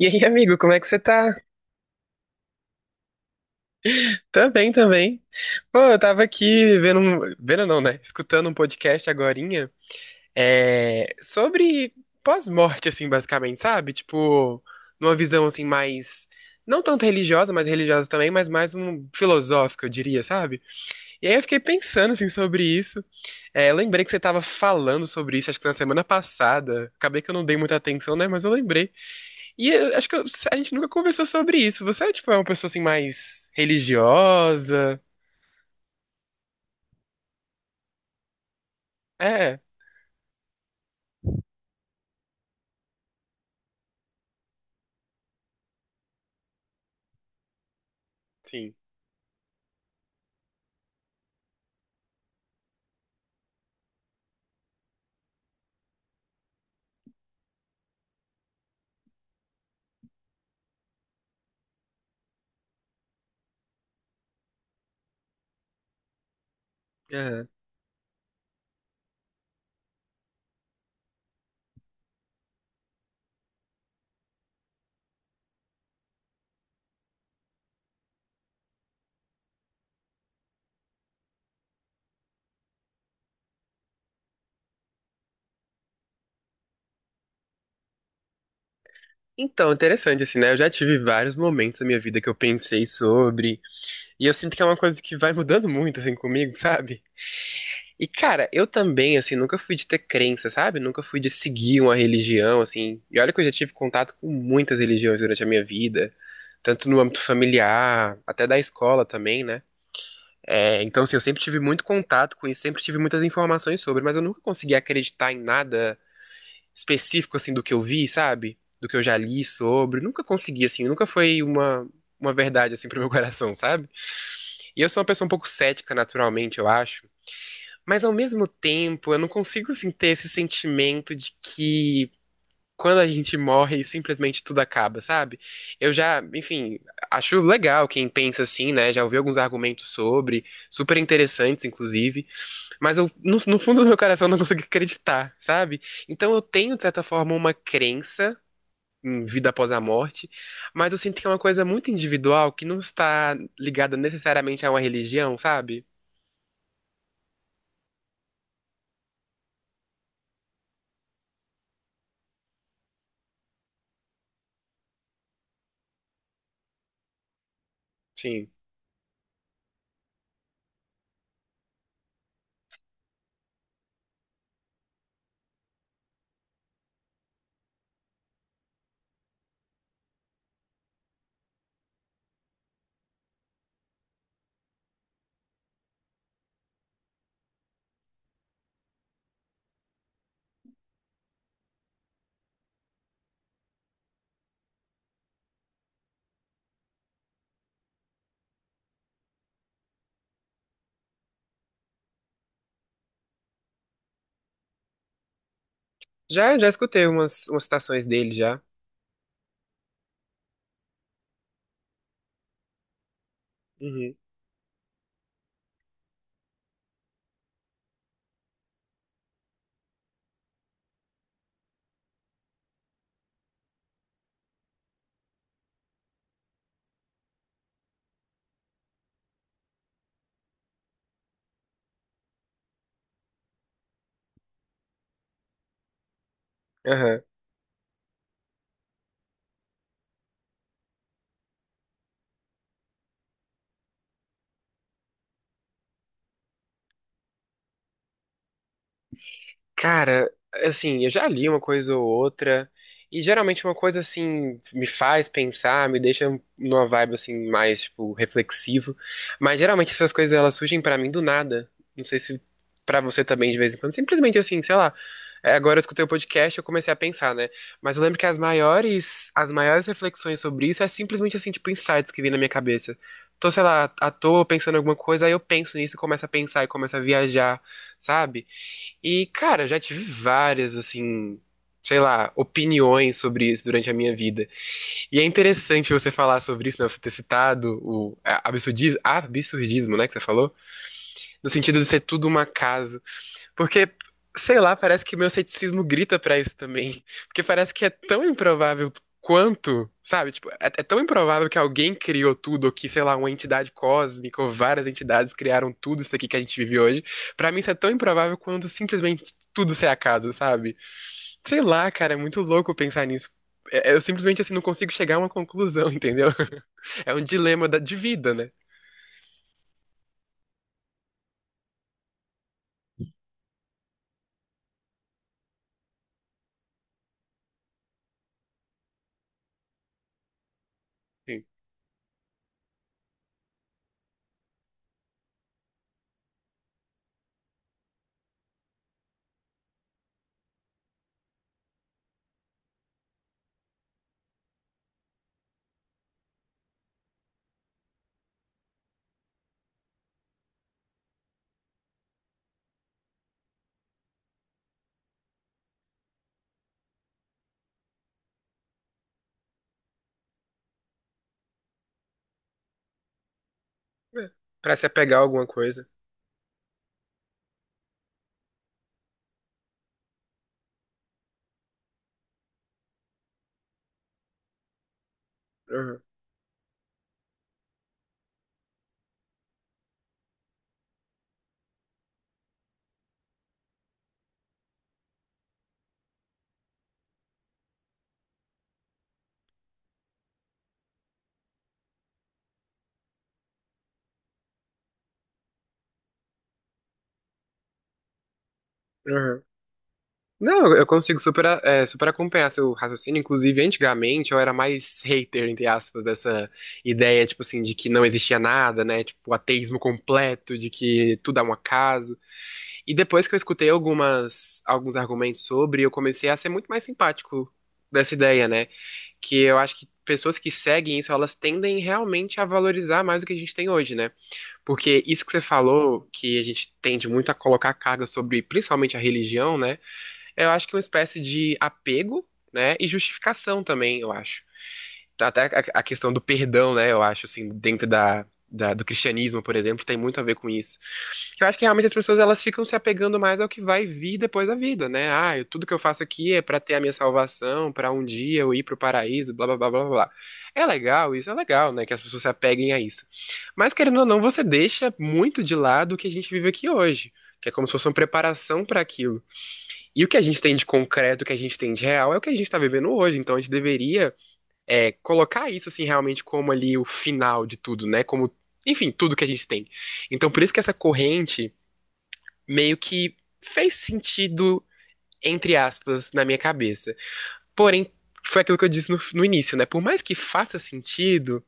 E aí, amigo, como é que você tá? Também, também. Pô, eu tava aqui vendo um... Vendo não, né? Escutando um podcast agorinha, sobre pós-morte, assim, basicamente, sabe? Tipo, numa visão, assim, mais... Não tanto religiosa, mas religiosa também, mas mais um filosófica, eu diria, sabe? E aí eu fiquei pensando, assim, sobre isso. É, lembrei que você tava falando sobre isso, acho que na semana passada. Acabei que eu não dei muita atenção, né? Mas eu lembrei. E eu acho que eu- a gente nunca conversou sobre isso. Você, tipo, é uma pessoa, assim, mais religiosa? É, sim. Aham. Então, interessante, assim, né? Eu já tive vários momentos da minha vida que eu pensei sobre. E eu sinto que é uma coisa que vai mudando muito, assim, comigo, sabe? E, cara, eu também, assim, nunca fui de ter crença, sabe? Nunca fui de seguir uma religião, assim. E olha que eu já tive contato com muitas religiões durante a minha vida, tanto no âmbito familiar, até da escola também, né? É, então, assim, eu sempre tive muito contato com isso, sempre tive muitas informações sobre, mas eu nunca consegui acreditar em nada específico, assim, do que eu vi, sabe? Do que eu já li sobre. Nunca consegui, assim, nunca foi uma verdade, assim, pro meu coração, sabe? E eu sou uma pessoa um pouco cética, naturalmente, eu acho. Mas, ao mesmo tempo, eu não consigo, assim, ter esse sentimento de que quando a gente morre, simplesmente tudo acaba, sabe? Eu já, enfim, acho legal quem pensa assim, né? Já ouvi alguns argumentos sobre, super interessantes, inclusive. Mas eu, no fundo do meu coração, eu não consigo acreditar, sabe? Então eu tenho, de certa forma, uma crença em vida após a morte, mas eu sinto que é uma coisa muito individual que não está ligada necessariamente a uma religião, sabe? Sim. Já, já escutei umas citações dele já. Uhum. Aham. Cara, assim, eu já li uma coisa ou outra, e geralmente uma coisa assim me faz pensar, me deixa numa vibe assim mais tipo reflexivo, mas geralmente essas coisas elas surgem pra mim do nada. Não sei se pra você também de vez em quando, simplesmente assim, sei lá. É, agora eu escutei o podcast e eu comecei a pensar, né? Mas eu lembro que as maiores reflexões sobre isso é simplesmente assim, tipo, insights que vem na minha cabeça. Tô, sei lá, à toa pensando em alguma coisa, aí eu penso nisso e começo a pensar e começo a viajar, sabe? E, cara, eu já tive várias, assim, sei lá, opiniões sobre isso durante a minha vida. E é interessante você falar sobre isso, né? Você ter citado o absurdismo, absurdismo, né, que você falou, no sentido de ser tudo uma casa porque, sei lá, parece que meu ceticismo grita pra isso também. Porque parece que é tão improvável quanto, sabe? Tipo, é tão improvável que alguém criou tudo, ou que, sei lá, uma entidade cósmica, ou várias entidades criaram tudo isso aqui que a gente vive hoje. Pra mim, isso é tão improvável quanto simplesmente tudo ser acaso, sabe? Sei lá, cara, é muito louco pensar nisso. Eu simplesmente, assim, não consigo chegar a uma conclusão, entendeu? É um de vida, né? Assim, é, pra se apegar a alguma coisa. Uhum, uhum. Não, eu consigo super, super acompanhar seu raciocínio. Inclusive, antigamente eu era mais hater, entre aspas, dessa ideia, tipo assim, de que não existia nada, né? Tipo, o ateísmo completo, de que tudo é um acaso. E depois que eu escutei alguns argumentos sobre, eu comecei a ser muito mais simpático dessa ideia, né? Que eu acho que pessoas que seguem isso, elas tendem realmente a valorizar mais o que a gente tem hoje, né? Porque isso que você falou, que a gente tende muito a colocar carga sobre, principalmente a religião, né? Eu acho que é uma espécie de apego, né? E justificação também, eu acho. Até a questão do perdão, né? Eu acho, assim, dentro do cristianismo, por exemplo, tem muito a ver com isso. Eu acho que realmente as pessoas elas ficam se apegando mais ao que vai vir depois da vida, né? Ah, tudo que eu faço aqui é pra ter a minha salvação, pra um dia eu ir pro paraíso, blá, blá, blá, blá, blá. É legal, isso é legal, né? Que as pessoas se apeguem a isso. Mas, querendo ou não, você deixa muito de lado o que a gente vive aqui hoje, que é como se fosse uma preparação pra aquilo. E o que a gente tem de concreto, o que a gente tem de real, é o que a gente está vivendo hoje. Então a gente deveria colocar isso, assim, realmente como ali o final de tudo, né? Como, enfim, tudo que a gente tem. Então por isso que essa corrente meio que fez sentido, entre aspas, na minha cabeça. Porém, foi aquilo que eu disse no início, né? Por mais que faça sentido,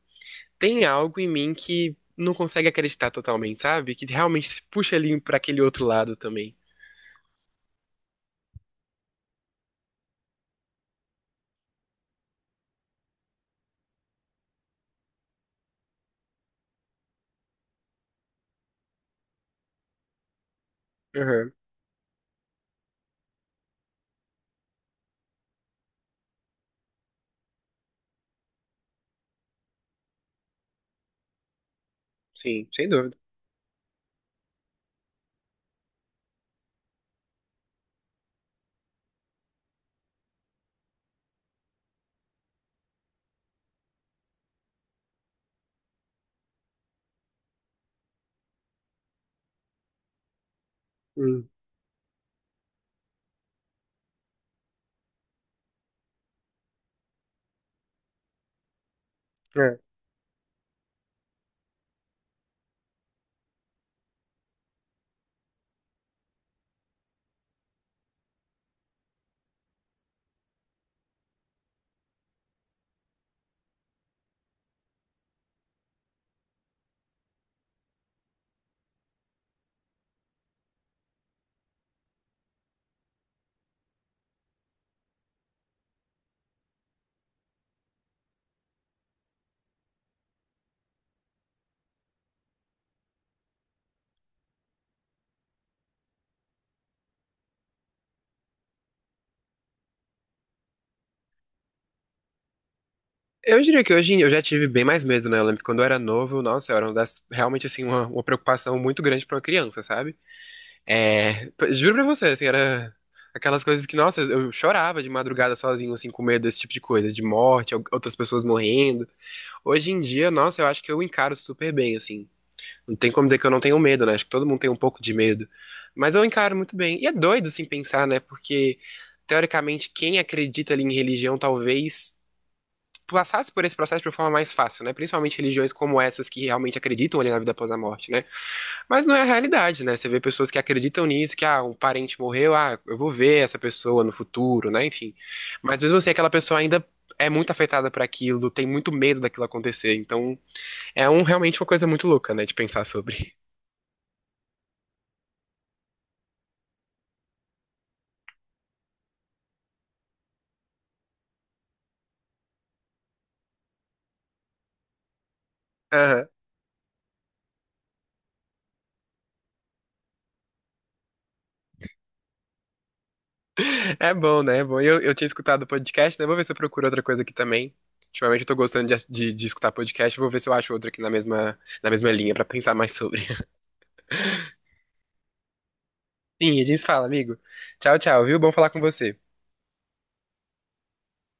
tem algo em mim que não consegue acreditar totalmente, sabe? Que realmente se puxa ali pra aquele outro lado também. Aham, sim, sem dúvida. Hum, é. Eu diria que eu já tive bem mais medo, né? Eu lembro que quando eu era novo, nossa, era uma das, realmente assim, uma preocupação muito grande pra uma criança, sabe? É, juro pra você, assim, era aquelas coisas que, nossa, eu chorava de madrugada sozinho, assim, com medo desse tipo de coisa, de morte, outras pessoas morrendo. Hoje em dia, nossa, eu acho que eu encaro super bem, assim. Não tem como dizer que eu não tenho medo, né? Acho que todo mundo tem um pouco de medo. Mas eu encaro muito bem. E é doido, assim, pensar, né? Porque, teoricamente, quem acredita ali em religião talvez passasse por esse processo de uma forma mais fácil, né? Principalmente religiões como essas que realmente acreditam ali na vida após a morte, né? Mas não é a realidade, né? Você vê pessoas que acreditam nisso, que ah, um parente morreu, ah, eu vou ver essa pessoa no futuro, né? Enfim. Mas mesmo assim, aquela pessoa ainda é muito afetada por aquilo, tem muito medo daquilo acontecer. Então, é um realmente uma coisa muito louca, né, de pensar sobre. Aham. É bom, né? É bom. Eu tinha escutado o podcast, né? Vou ver se eu procuro outra coisa aqui também. Ultimamente eu tô gostando de, de escutar podcast, vou ver se eu acho outro aqui na mesma linha pra pensar mais sobre. Sim, a gente se fala, amigo. Tchau, tchau, viu? Bom falar com você.